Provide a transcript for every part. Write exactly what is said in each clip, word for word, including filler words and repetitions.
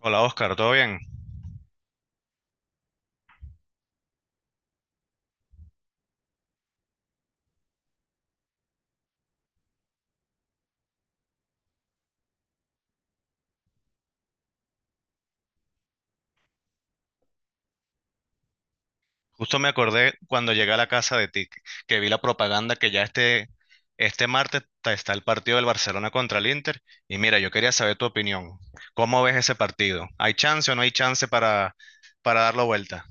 Hola Oscar, ¿todo bien? Justo me acordé cuando llegué a la casa de ti, que que vi la propaganda que ya este, este martes ta- está el partido del Barcelona contra el Inter. Y mira, yo quería saber tu opinión. ¿Cómo ves ese partido? ¿Hay chance o no hay chance para, para darlo vuelta?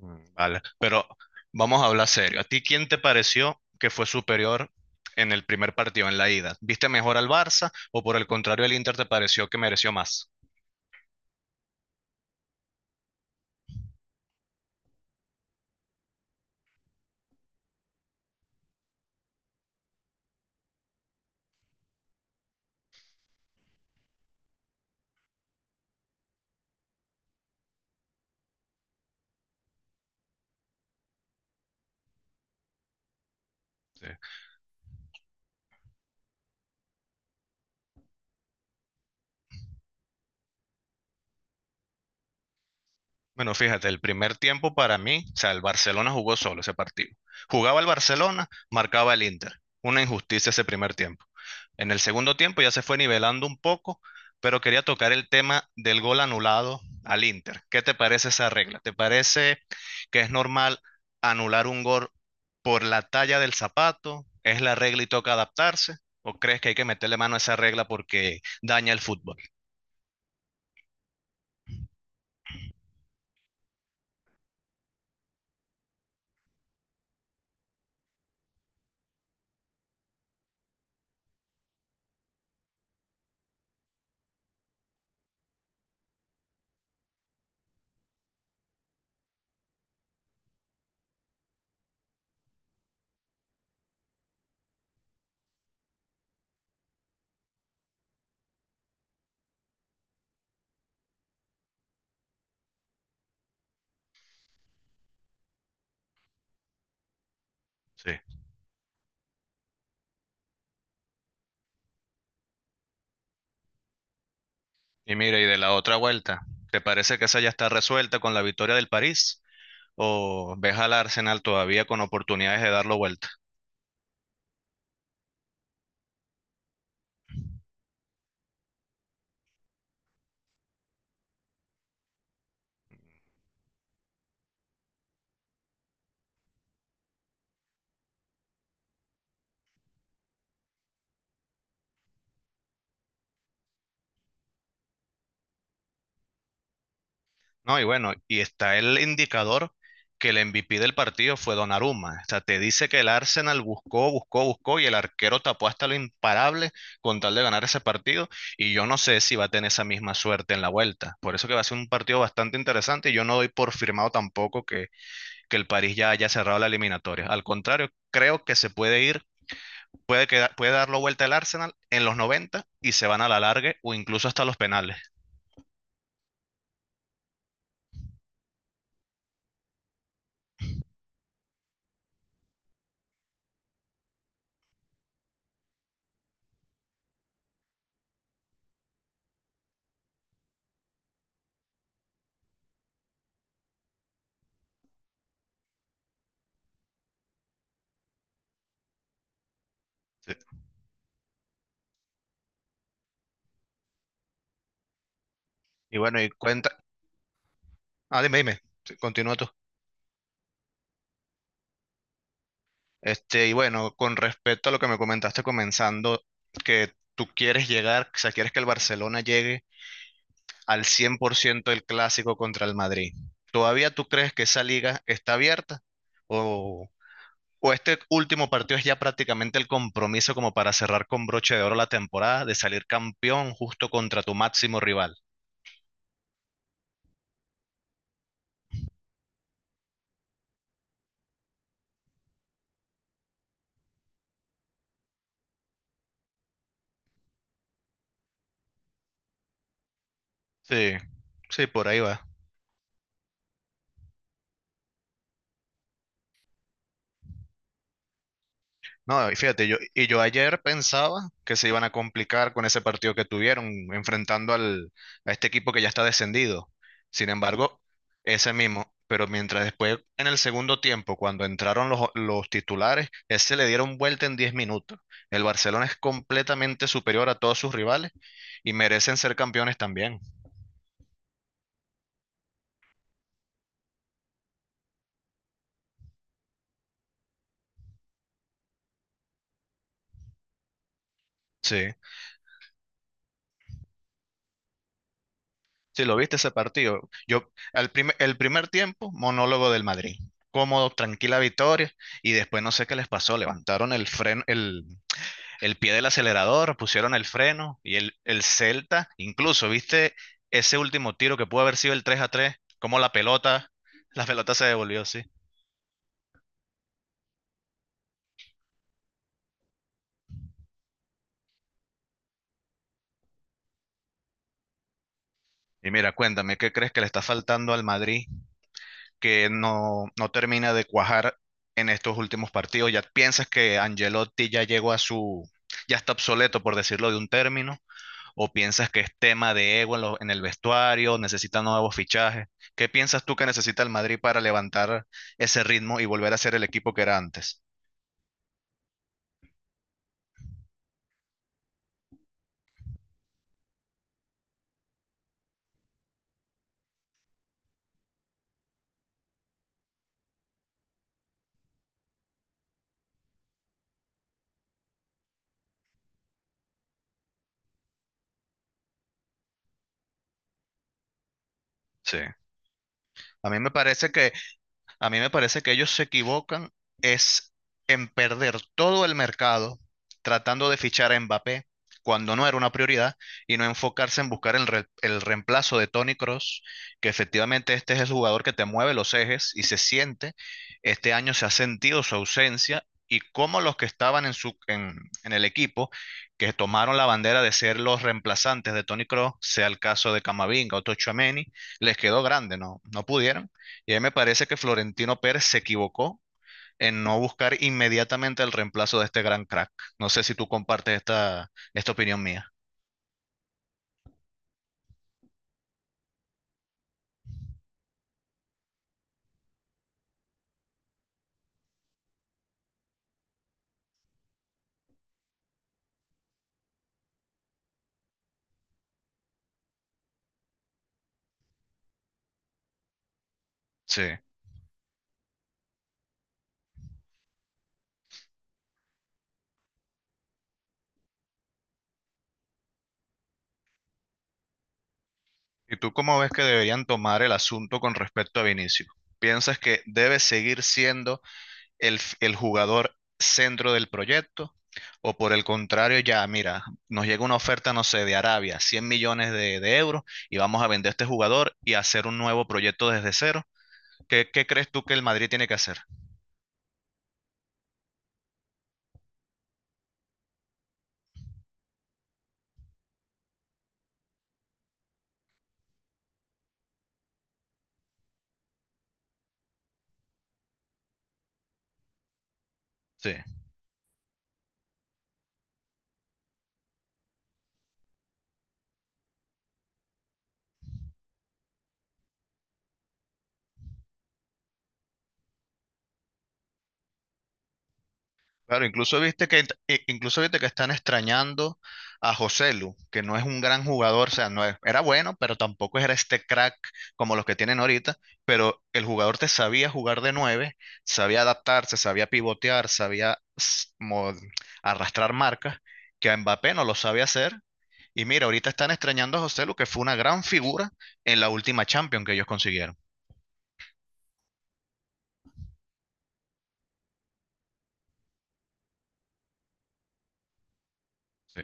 Mm, vale, pero vamos a hablar serio. ¿A ti quién te pareció que fue superior en el primer partido, en la ida? ¿Viste mejor al Barça o por el contrario el Inter te pareció que mereció más? Sí. Bueno, fíjate, el primer tiempo para mí, o sea, el Barcelona jugó solo ese partido. Jugaba el Barcelona, marcaba el Inter. Una injusticia ese primer tiempo. En el segundo tiempo ya se fue nivelando un poco, pero quería tocar el tema del gol anulado al Inter. ¿Qué te parece esa regla? ¿Te parece que es normal anular un gol por la talla del zapato? ¿Es la regla y toca adaptarse? ¿O crees que hay que meterle mano a esa regla porque daña el fútbol? Sí. Y mira, y de la otra vuelta, ¿te parece que esa ya está resuelta con la victoria del París? ¿O ves al Arsenal todavía con oportunidades de darlo vuelta? No, y bueno, y está el indicador que el M V P del partido fue Donnarumma. O sea, te dice que el Arsenal buscó, buscó, buscó y el arquero tapó hasta lo imparable con tal de ganar ese partido. Y yo no sé si va a tener esa misma suerte en la vuelta. Por eso que va a ser un partido bastante interesante y yo no doy por firmado tampoco que, que el París ya haya cerrado la eliminatoria. Al contrario, creo que se puede ir puede, quedar, puede darlo vuelta el Arsenal en los noventa y se van a la larga o incluso hasta los penales. Sí. Y bueno, y cuenta. Ah, dime, dime. Sí, continúa tú. Este, y bueno, con respecto a lo que me comentaste comenzando, que tú quieres llegar, o sea, quieres que el Barcelona llegue al cien por ciento del clásico contra el Madrid. ¿Todavía tú crees que esa liga está abierta? ¿O, o este último partido es ya prácticamente el compromiso como para cerrar con broche de oro la temporada de salir campeón justo contra tu máximo rival? Sí, sí, por ahí va. No, y fíjate, yo, y yo ayer pensaba que se iban a complicar con ese partido que tuvieron, enfrentando al, a este equipo que ya está descendido. Sin embargo, ese mismo. Pero mientras después, en el segundo tiempo, cuando entraron los, los titulares, ese le dieron vuelta en diez minutos. El Barcelona es completamente superior a todos sus rivales y merecen ser campeones también. Sí. Si lo viste ese partido, yo al primer, el primer tiempo, monólogo del Madrid. Cómodo, tranquila victoria, y después no sé qué les pasó, levantaron el freno, el, el pie del acelerador, pusieron el freno, y el, el Celta, incluso, ¿viste ese último tiro que pudo haber sido el tres a tres? Como la pelota, la pelota se devolvió, sí. Y mira, cuéntame, ¿qué crees que le está faltando al Madrid que no, no termina de cuajar en estos últimos partidos? ¿Ya piensas que Angelotti ya llegó a su, ya está obsoleto, por decirlo de un término? ¿O piensas que es tema de ego en, lo- en el vestuario, necesita nuevos fichajes? ¿Qué piensas tú que necesita el Madrid para levantar ese ritmo y volver a ser el equipo que era antes? Sí. A mí me parece que A mí me parece que ellos se equivocan es en perder todo el mercado tratando de fichar a Mbappé cuando no era una prioridad y no enfocarse en buscar el, re- el reemplazo de Toni Kroos, que efectivamente este es el jugador que te mueve los ejes y se siente. Este año se ha sentido su ausencia y como los que estaban en, su, en, en el equipo, que tomaron la bandera de ser los reemplazantes de Toni Kroos, sea el caso de Camavinga o Tochouameni, les quedó grande, ¿no? No pudieron y ahí me parece que Florentino Pérez se equivocó en no buscar inmediatamente el reemplazo de este gran crack. No sé si tú compartes esta, esta opinión mía. Sí. ¿Y tú cómo ves que deberían tomar el asunto con respecto a Vinicius? ¿Piensas que debe seguir siendo el, f- el jugador centro del proyecto? ¿O por el contrario, ya, mira, nos llega una oferta, no sé, de Arabia, cien millones de, de euros, y vamos a vender este jugador y hacer un nuevo proyecto desde cero? ¿Qué, qué crees tú que el Madrid tiene que hacer? Sí. Claro, incluso viste que eh, incluso viste que están extrañando a José Lu, que no es un gran jugador, o sea, no es- era bueno, pero tampoco era este crack como los que tienen ahorita, pero el jugador te sabía jugar de nueve, sabía adaptarse, sabía pivotear, sabía s- mo- arrastrar marcas, que a Mbappé no lo sabe hacer. Y mira, ahorita están extrañando a José Lu, que fue una gran figura en la última Champions que ellos consiguieron. Sí,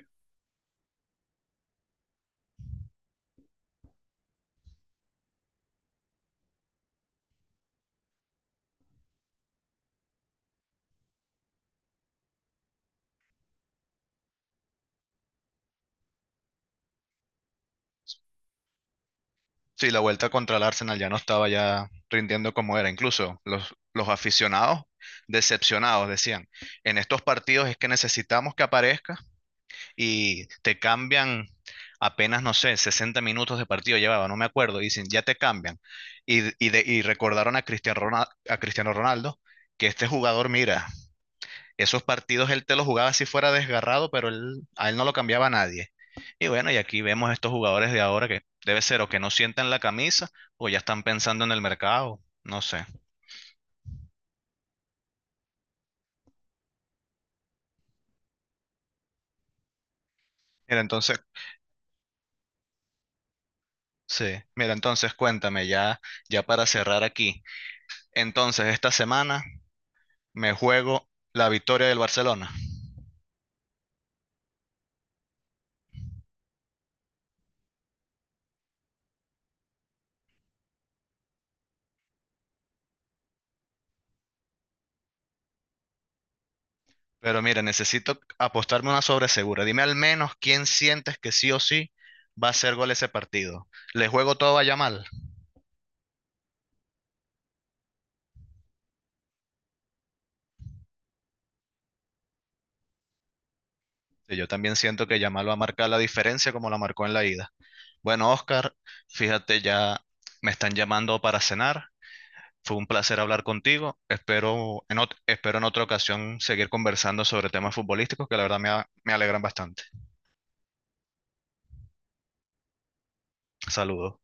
sí, la vuelta contra el Arsenal ya no estaba ya rindiendo como era. Incluso los, los aficionados decepcionados decían, en estos partidos es que necesitamos que aparezca y te cambian apenas, no sé, sesenta minutos de partido llevaba, no me acuerdo, y dicen, ya te cambian. Y, y de- y recordaron a Cristiano Ronaldo, a Cristiano Ronaldo que este jugador, mira, esos partidos él te los jugaba si fuera desgarrado, pero él, a él no lo cambiaba nadie. Y bueno, y aquí vemos estos jugadores de ahora que debe ser o que no sientan la camisa o ya están pensando en el mercado, no sé. Mira, entonces, sí, mira, entonces cuéntame ya, ya para cerrar aquí. Entonces, esta semana me juego la victoria del Barcelona. Pero mira, necesito apostarme una sobresegura. Dime al menos quién sientes que sí o sí va a hacer gol ese partido. ¿Le juego todo a Yamal? Sí, yo también siento que Yamal va a marcar la diferencia como la marcó en la ida. Bueno, Oscar, fíjate, ya me están llamando para cenar. Fue un placer hablar contigo. Espero en, ot- espero en otra ocasión seguir conversando sobre temas futbolísticos que la verdad me, a- me alegran bastante. Saludos.